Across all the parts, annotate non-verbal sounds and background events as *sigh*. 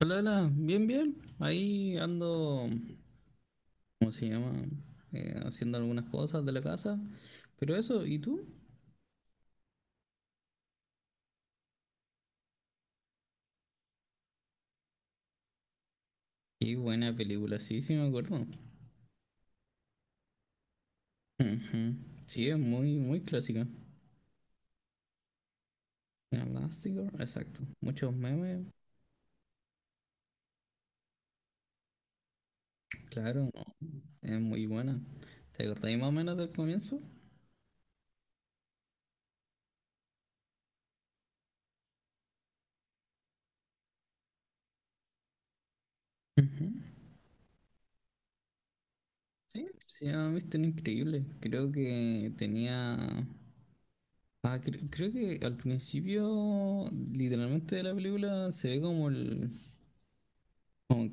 Hola, hola, bien, bien. Ahí ando, ¿cómo se llama? Haciendo algunas cosas de la casa. Pero eso, ¿y tú? Qué buena película, sí, sí me acuerdo. Ujú. Sí, es muy, muy clásica. Elástico, exacto. Muchos memes, claro, no, es muy buena. ¿Te acordáis más o menos del comienzo? Ujú. Sí, sí, a mí es tan increíble. Creo que tenía. Creo que al principio, literalmente de la película, se ve como el,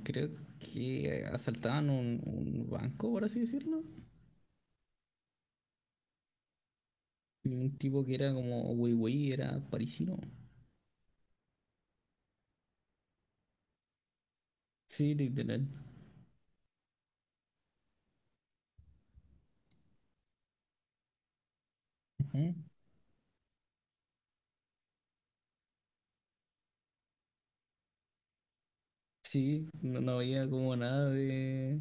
creo que asaltaban un banco, por así decirlo. Y un tipo que era como wey wey era parisino. Sí, literal. Ujú. Sí, no, no había como nada de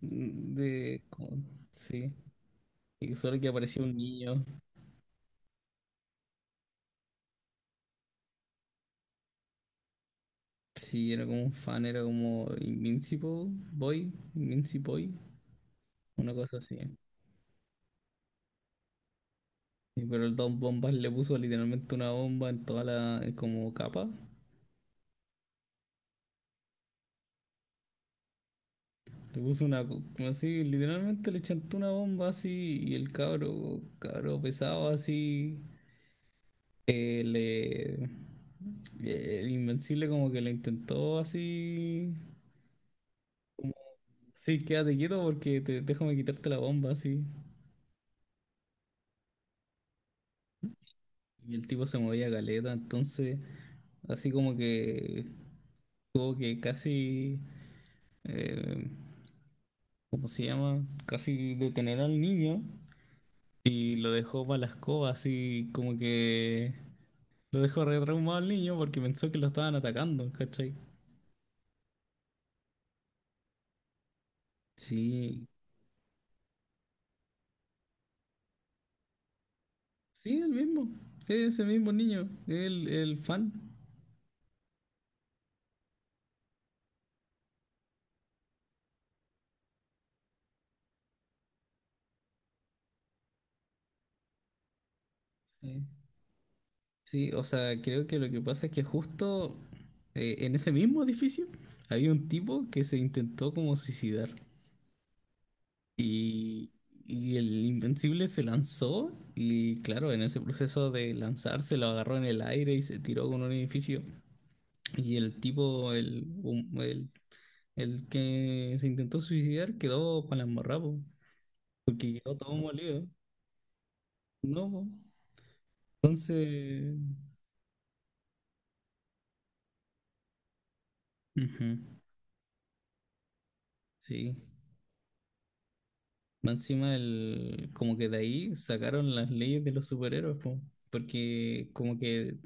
de... como- sí. Y solo que aparecía un niño. Sí, era como un fan, era como Invincible Boy, Invincible Boy, una cosa así. Sí, pero el Don Bombas le puso literalmente una bomba en toda la como capa. Le puso así, literalmente le chantó una bomba así, y el cabro, cabro pesado así, eh, le, el invencible como que le intentó así, sí, quédate quieto porque déjame quitarte la bomba así. Y el tipo se movía galeta, entonces así como que tuvo que casi, eh, ¿cómo se llama? Casi detener al niño y lo dejó para la escoba, así como que lo dejó re traumado al niño porque pensó que lo estaban atacando, ¿cachai? Sí, sí, el mismo. Es ese mismo niño, el fan. Sí. Sí, o sea, creo que lo que pasa es que justo, en ese mismo edificio había un tipo que se intentó como suicidar. Y, y el Invencible se lanzó y claro, en ese proceso de lanzarse lo agarró en el aire y se tiró con un edificio. Y el tipo, el, hum- el que se intentó suicidar quedó para la embarrada, po, porque quedó todo molido. No, po. Entonces, ujú, sí. Más encima, como que de ahí sacaron las leyes de los superhéroes, po, porque como que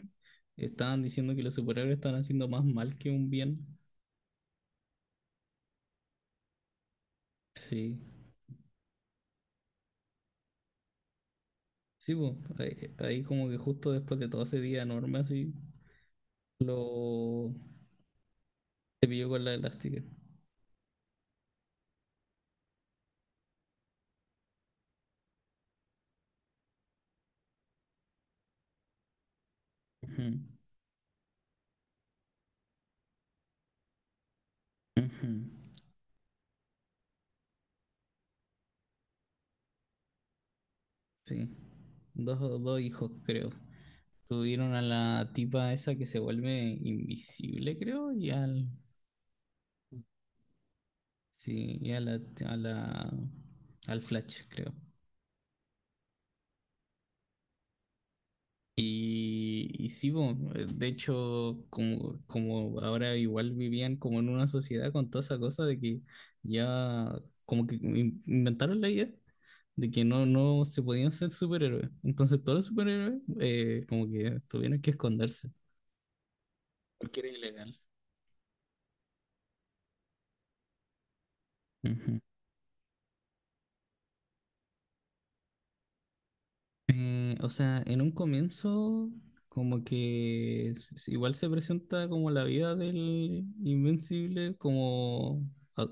estaban diciendo que los superhéroes estaban haciendo más mal que un bien. Sí, sí, po. Ahí como que justo después de todo ese día enorme así, lo se pilló con la elástica. Ujú, ujú, sí. Dos, dos hijos, creo. Tuvieron a la tipa esa que se vuelve invisible, creo, y al. Sí, y a la- al Flash, creo. Y sí, bo, de hecho, como, ahora igual vivían como en una sociedad con toda esa cosa de que ya como que inventaron la idea de que no, no se podían ser superhéroes. Entonces todos los superhéroes, como que tuvieron que esconderse porque era ilegal. Ujú. O sea, en un comienzo, como que igual se presenta como la vida del Invencible, como, ah,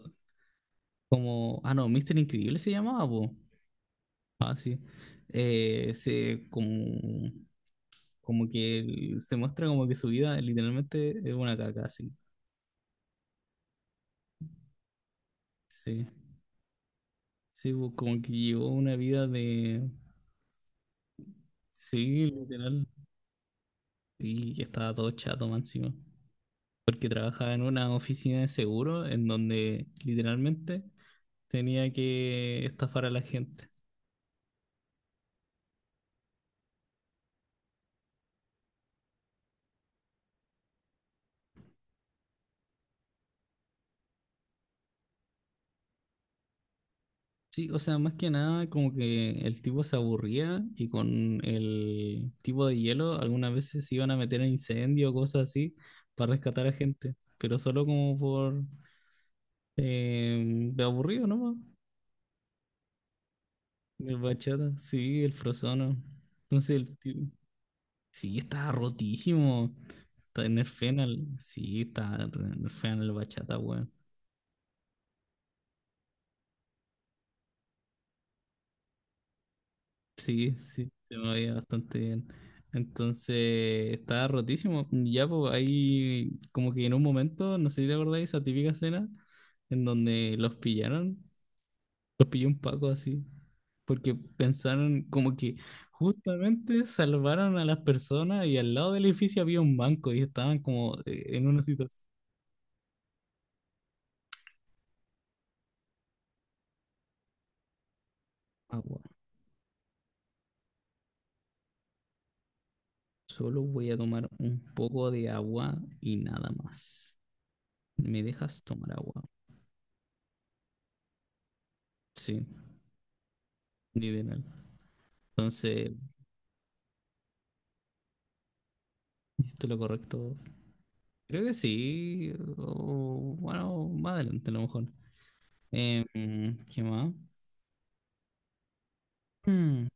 como, no, Mister Increíble se llamaba, po. Ah, sí. Como, que se muestra como que su vida literalmente es una caca, sí. Sí, sí, po, como que llevó una vida de, sí, literal, y que estaba todo chato, más encima. Porque trabajaba en una oficina de seguro en donde literalmente tenía que estafar a la gente. Sí, o sea, más que nada como que el tipo se aburría y con el tipo de hielo algunas veces se iban a meter en incendio o cosas así para rescatar a gente, pero solo como por, eh, de aburrido, ¿no? El bachata, sí, el frozono. Entonces el tipo, sí, estaba rotísimo. Está en el Fenal, sí, está en el Fenal el bachata, weón. Sí, sí, se me veía bastante bien. Entonces, estaba rotísimo. Y ya, pues, ahí, como que en un momento, no sé si te acordáis, esa típica escena en donde los pilló un Paco así, porque pensaron como que justamente salvaron a las personas y al lado del edificio había un banco y estaban como, en una situación. Agua. Solo voy a tomar un poco de agua y nada más. ¿Me dejas tomar agua? Sí, literal. Entonces hiciste lo correcto. Creo que sí. Bueno, más adelante a lo mejor. Eh, ¿Qué más? Mm,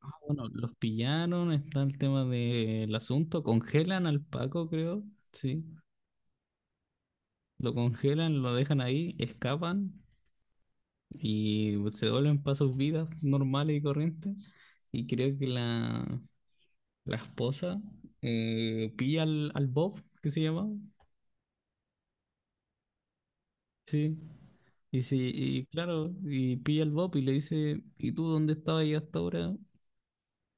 bueno, los pillaron. Está el tema del asunto. Congelan al Paco, creo. Sí. Lo congelan, lo dejan ahí, escapan y se vuelven para sus vidas normales y corrientes. Y creo que la esposa, pilla al Bob, que se llama. Sí. Y sí, y claro, y pilla al Bob y le dice, ¿y tú dónde estabas yo hasta ahora?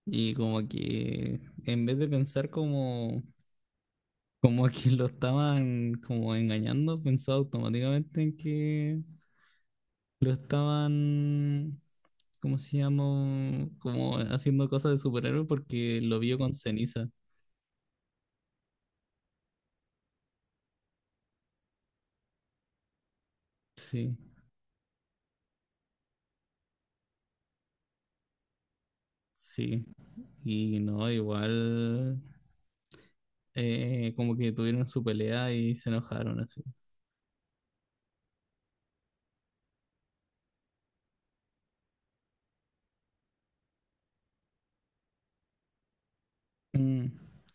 Y como que en vez de pensar como, como *laughs* a que lo estaban como engañando, pensó automáticamente en que lo estaban, ¿cómo se llama? Como haciendo cosas de superhéroe porque lo vio con ceniza. Sí, sí. Y no, igual, como que tuvieron su pelea y se enojaron así. Mm,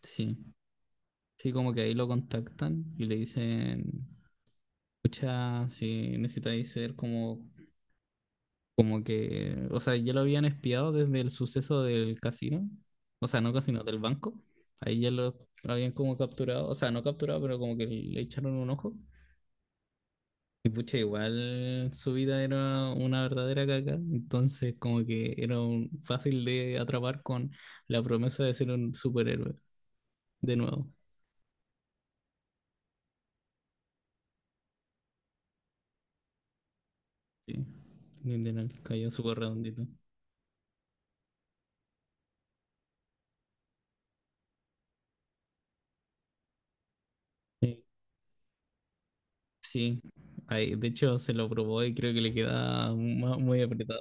sí. Sí, como que ahí lo contactan y le dicen, escucha, si necesitáis ser como, que, o sea, ya lo habían espiado desde el suceso del casino, o sea, no casino, del banco, ahí ya lo habían como capturado, o sea, no capturado, pero como que le echaron un ojo. Y pucha, igual su vida era una verdadera caca, entonces como que era fácil de atrapar con la promesa de ser un superhéroe, de nuevo. Sí, literal, cayó súper redondito. Sí. Sí, ahí, de hecho se lo probó y creo que le queda muy apretado.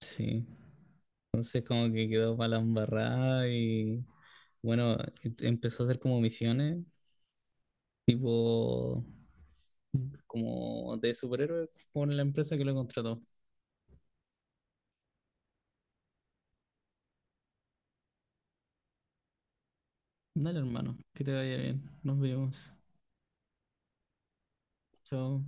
Sí, entonces como que quedó para la embarrada y bueno, empezó a hacer como misiones, tipo como de superhéroe con la empresa que lo contrató. Dale, hermano, que te vaya bien. Nos vemos. Chao.